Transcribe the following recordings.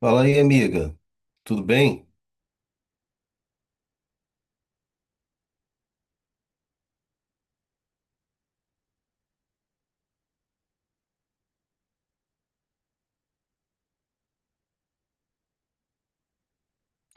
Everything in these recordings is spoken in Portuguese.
Fala aí, amiga. Tudo bem?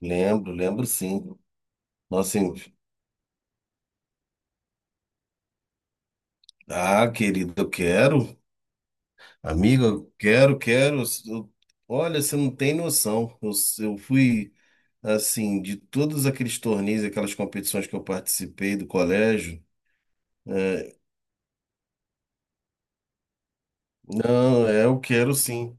Lembro sim. Nossa, ah, querida, eu quero. Amiga, eu quero. Olha, você não tem noção. Eu fui, assim, de todos aqueles torneios, aquelas competições que eu participei do colégio. Não, é, eu quero sim.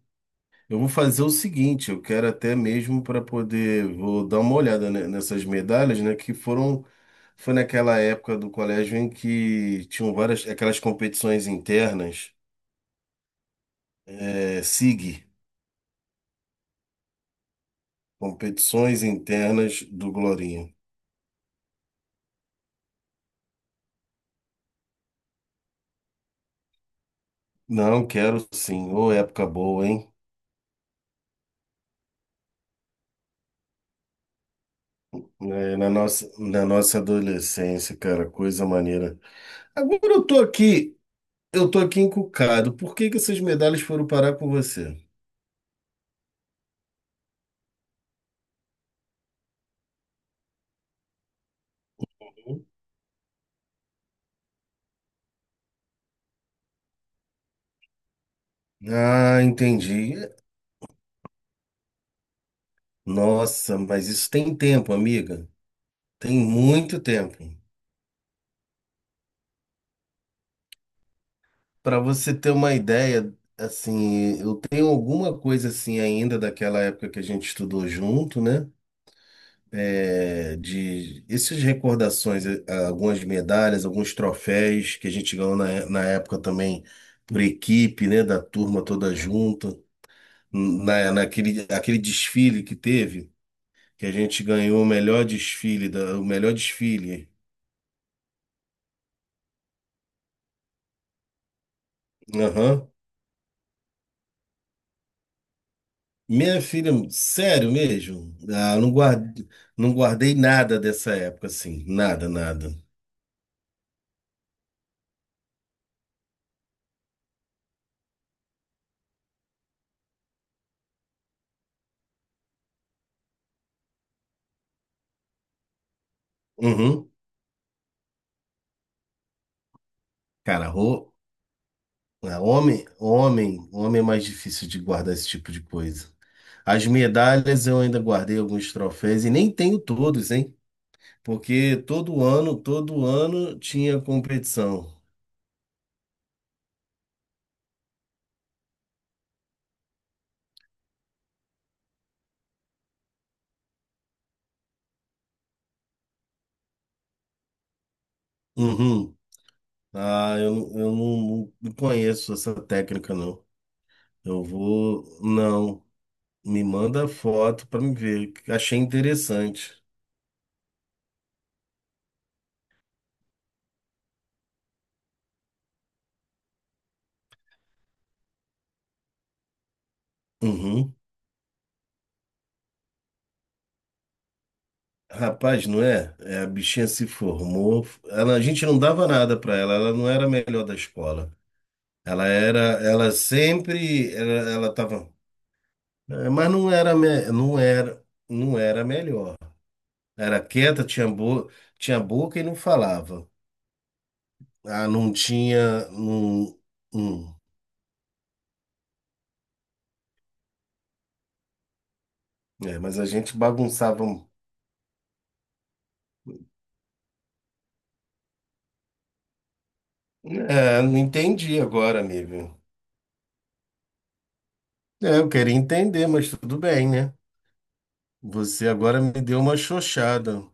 Eu vou fazer o seguinte, eu quero até mesmo para poder, vou dar uma olhada nessas medalhas, né, que foram foi naquela época do colégio em que tinham várias aquelas competições internas, é, SIG, competições internas do Glorinha. Não, quero sim. Ô, época boa, hein? É, na nossa adolescência, cara, coisa maneira. Agora eu tô aqui encucado. Por que que essas medalhas foram parar com você? Ah, entendi. Nossa, mas isso tem tempo, amiga. Tem muito tempo. Para você ter uma ideia, assim, eu tenho alguma coisa assim ainda daquela época que a gente estudou junto, né? É, de essas recordações, algumas medalhas, alguns troféus que a gente ganhou na época também por equipe, né? Da turma toda junta, naquele aquele desfile que teve, que a gente ganhou o melhor desfile, o melhor desfile. Aham. Minha filha, sério mesmo? Ah, eu não guardei, não guardei nada dessa época, assim. Nada, nada. Uhum. Cara, ro... ah, homem, homem, homem é mais difícil de guardar esse tipo de coisa. As medalhas eu ainda guardei alguns troféus e nem tenho todos, hein? Porque todo ano tinha competição. Uhum. Ah, eu não conheço essa técnica, não. Eu vou. Não. Me manda foto pra me ver. Achei interessante. Uhum. Rapaz, não é? É, a bichinha se formou. Ela, a gente não dava nada pra ela. Ela não era a melhor da escola. Ela era, ela sempre, ela tava, é, mas não era a melhor. Era quieta, tinha boca e não falava. Ah, não tinha, não, não. É, mas a gente bagunçava. É, não entendi agora, amigo. É, eu queria entender, mas tudo bem, né? Você agora me deu uma xoxada.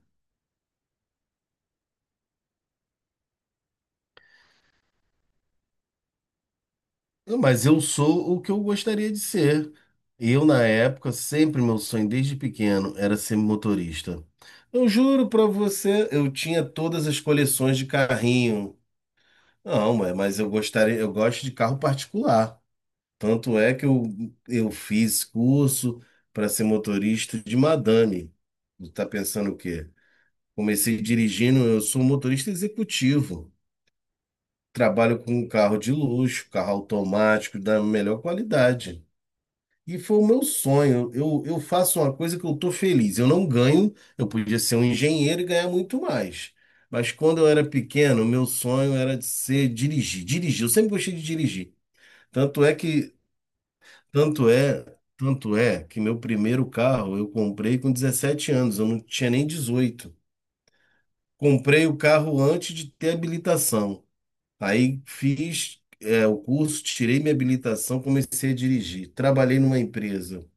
Não, mas eu sou o que eu gostaria de ser. Eu, na época, sempre meu sonho desde pequeno era ser motorista. Eu juro pra você, eu tinha todas as coleções de carrinho. Não, mas eu gostaria, eu gosto de carro particular. Tanto é que eu fiz curso para ser motorista de madame. Tu tá pensando o quê? Comecei dirigindo, eu sou um motorista executivo. Trabalho com um carro de luxo, carro automático da melhor qualidade. E foi o meu sonho. Eu faço uma coisa que eu tô feliz. Eu não ganho, eu podia ser um engenheiro e ganhar muito mais. Mas quando eu era pequeno, meu sonho era de ser dirigir. Dirigir, eu sempre gostei de dirigir. Tanto é que, tanto é, tanto é que meu primeiro carro eu comprei com 17 anos, eu não tinha nem 18. Comprei o carro antes de ter habilitação. Aí fiz, é, o curso, tirei minha habilitação, comecei a dirigir. Trabalhei numa empresa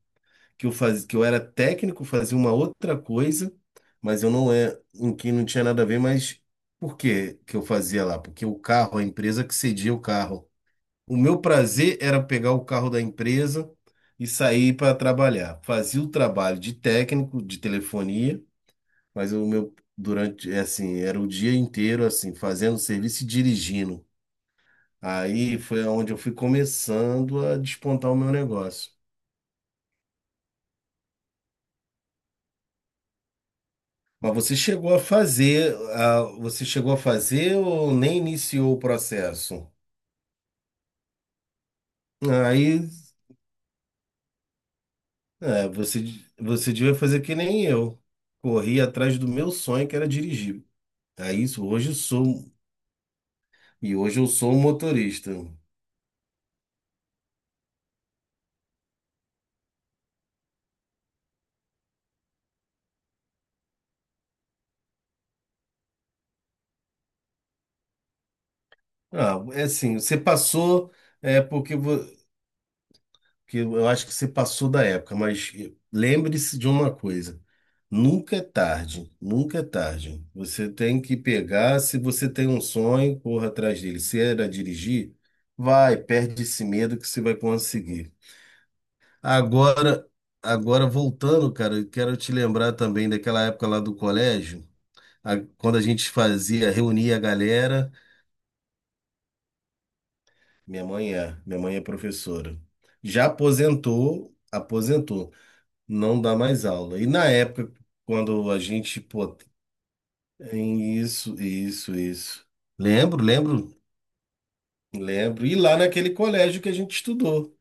que eu era técnico, fazia uma outra coisa, mas eu não é, em que não tinha nada a ver, mas por que que eu fazia lá? Porque o carro, a empresa que cedia o carro. O meu prazer era pegar o carro da empresa e sair para trabalhar. Fazia o trabalho de técnico de telefonia, mas o meu durante, é assim, era o dia inteiro assim, fazendo serviço e dirigindo. Aí foi onde eu fui começando a despontar o meu negócio. Mas você chegou a fazer, ah, você chegou a fazer ou nem iniciou o processo? Aí, é, você, você devia fazer que nem eu. Corri atrás do meu sonho, que era dirigir. É isso, hoje eu sou, e hoje eu sou motorista. Ah, é assim, é porque vo- que eu acho que você passou da época, mas lembre-se de uma coisa: nunca é tarde, nunca é tarde. Você tem que pegar, se você tem um sonho, corra atrás dele. Se era dirigir, vai, perde esse medo que você vai conseguir. Agora, agora voltando, cara, eu quero te lembrar também daquela época lá do colégio, quando a gente fazia, reunia a galera. Minha mãe é professora. Já aposentou. Não dá mais aula. E na época, quando a gente, pô, isso, isso, isso. Lembro, lembro, lembro. E lá naquele colégio que a gente estudou.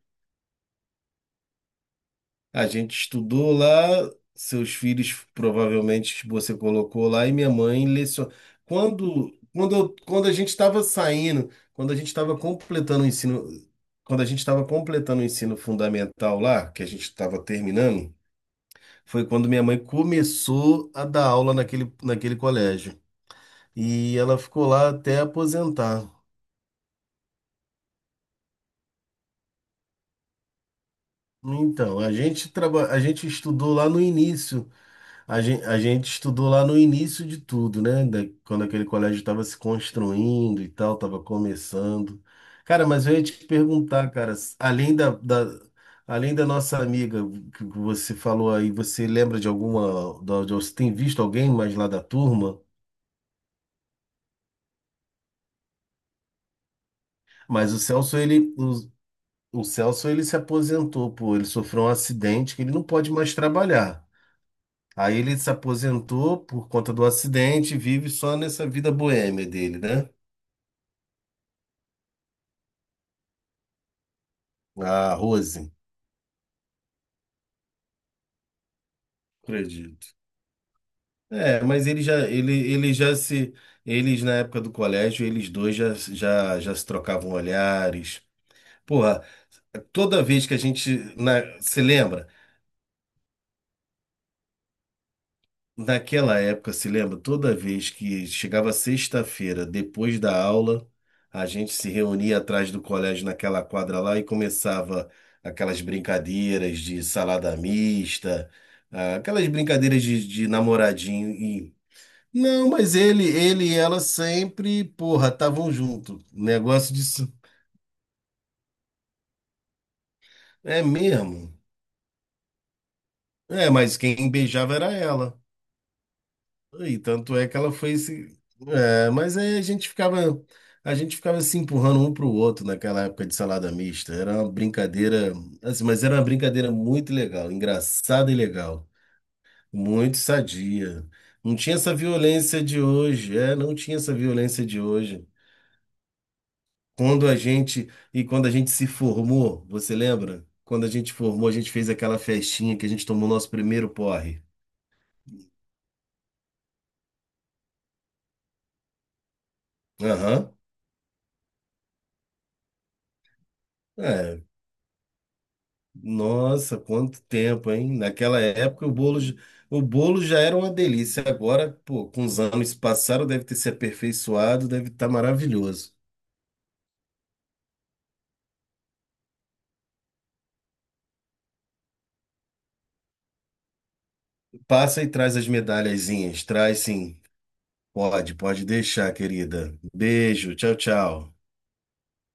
A gente estudou lá, seus filhos provavelmente você colocou lá, e minha mãe lecionou. Quando a gente estava saindo, quando a gente estava completando o ensino. Quando a gente estava completando o ensino fundamental lá, que a gente estava terminando, foi quando minha mãe começou a dar aula naquele colégio. E ela ficou lá até aposentar. Então, a gente estudou lá no início. A gente estudou lá no início de tudo, né? Quando aquele colégio estava se construindo e tal, estava começando. Cara, mas eu ia te perguntar, cara, além da nossa amiga que você falou aí, você lembra de alguma, você tem visto alguém mais lá da turma? Mas o Celso, ele, o, o Celso, ele se aposentou, pô, ele sofreu um acidente que ele não pode mais trabalhar. Aí ele se aposentou por conta do acidente e vive só nessa vida boêmia dele, né? A Rose, acredito. É, mas ele já, ele já se, eles na época do colégio, eles dois já se trocavam olhares. Porra, toda vez que se lembra? Naquela época, se lembra, toda vez que chegava sexta-feira, depois da aula, a gente se reunia atrás do colégio naquela quadra lá e começava aquelas brincadeiras de salada mista, ah, aquelas brincadeiras de namoradinho e não, mas ele e ela sempre, porra, estavam junto. Negócio disso. É mesmo. É, mas quem beijava era ela. E tanto é que ela foi se. É, mas aí a gente ficava se empurrando um para o outro naquela época de salada mista. Era uma brincadeira, assim, mas era uma brincadeira muito legal, engraçada e legal, muito sadia. Não tinha essa violência de hoje, é, não tinha essa violência de hoje. Quando a gente se formou, você lembra? Quando a gente formou, a gente fez aquela festinha que a gente tomou nosso primeiro porre. Aham. É, Nossa, quanto tempo, hein? Naquela época o bolo, j- o bolo já era uma delícia. Agora, pô, com os anos que passaram, deve ter se aperfeiçoado, deve estar maravilhoso. Passa e traz as medalhazinhas. Traz sim. Pode deixar, querida. Beijo, tchau, tchau.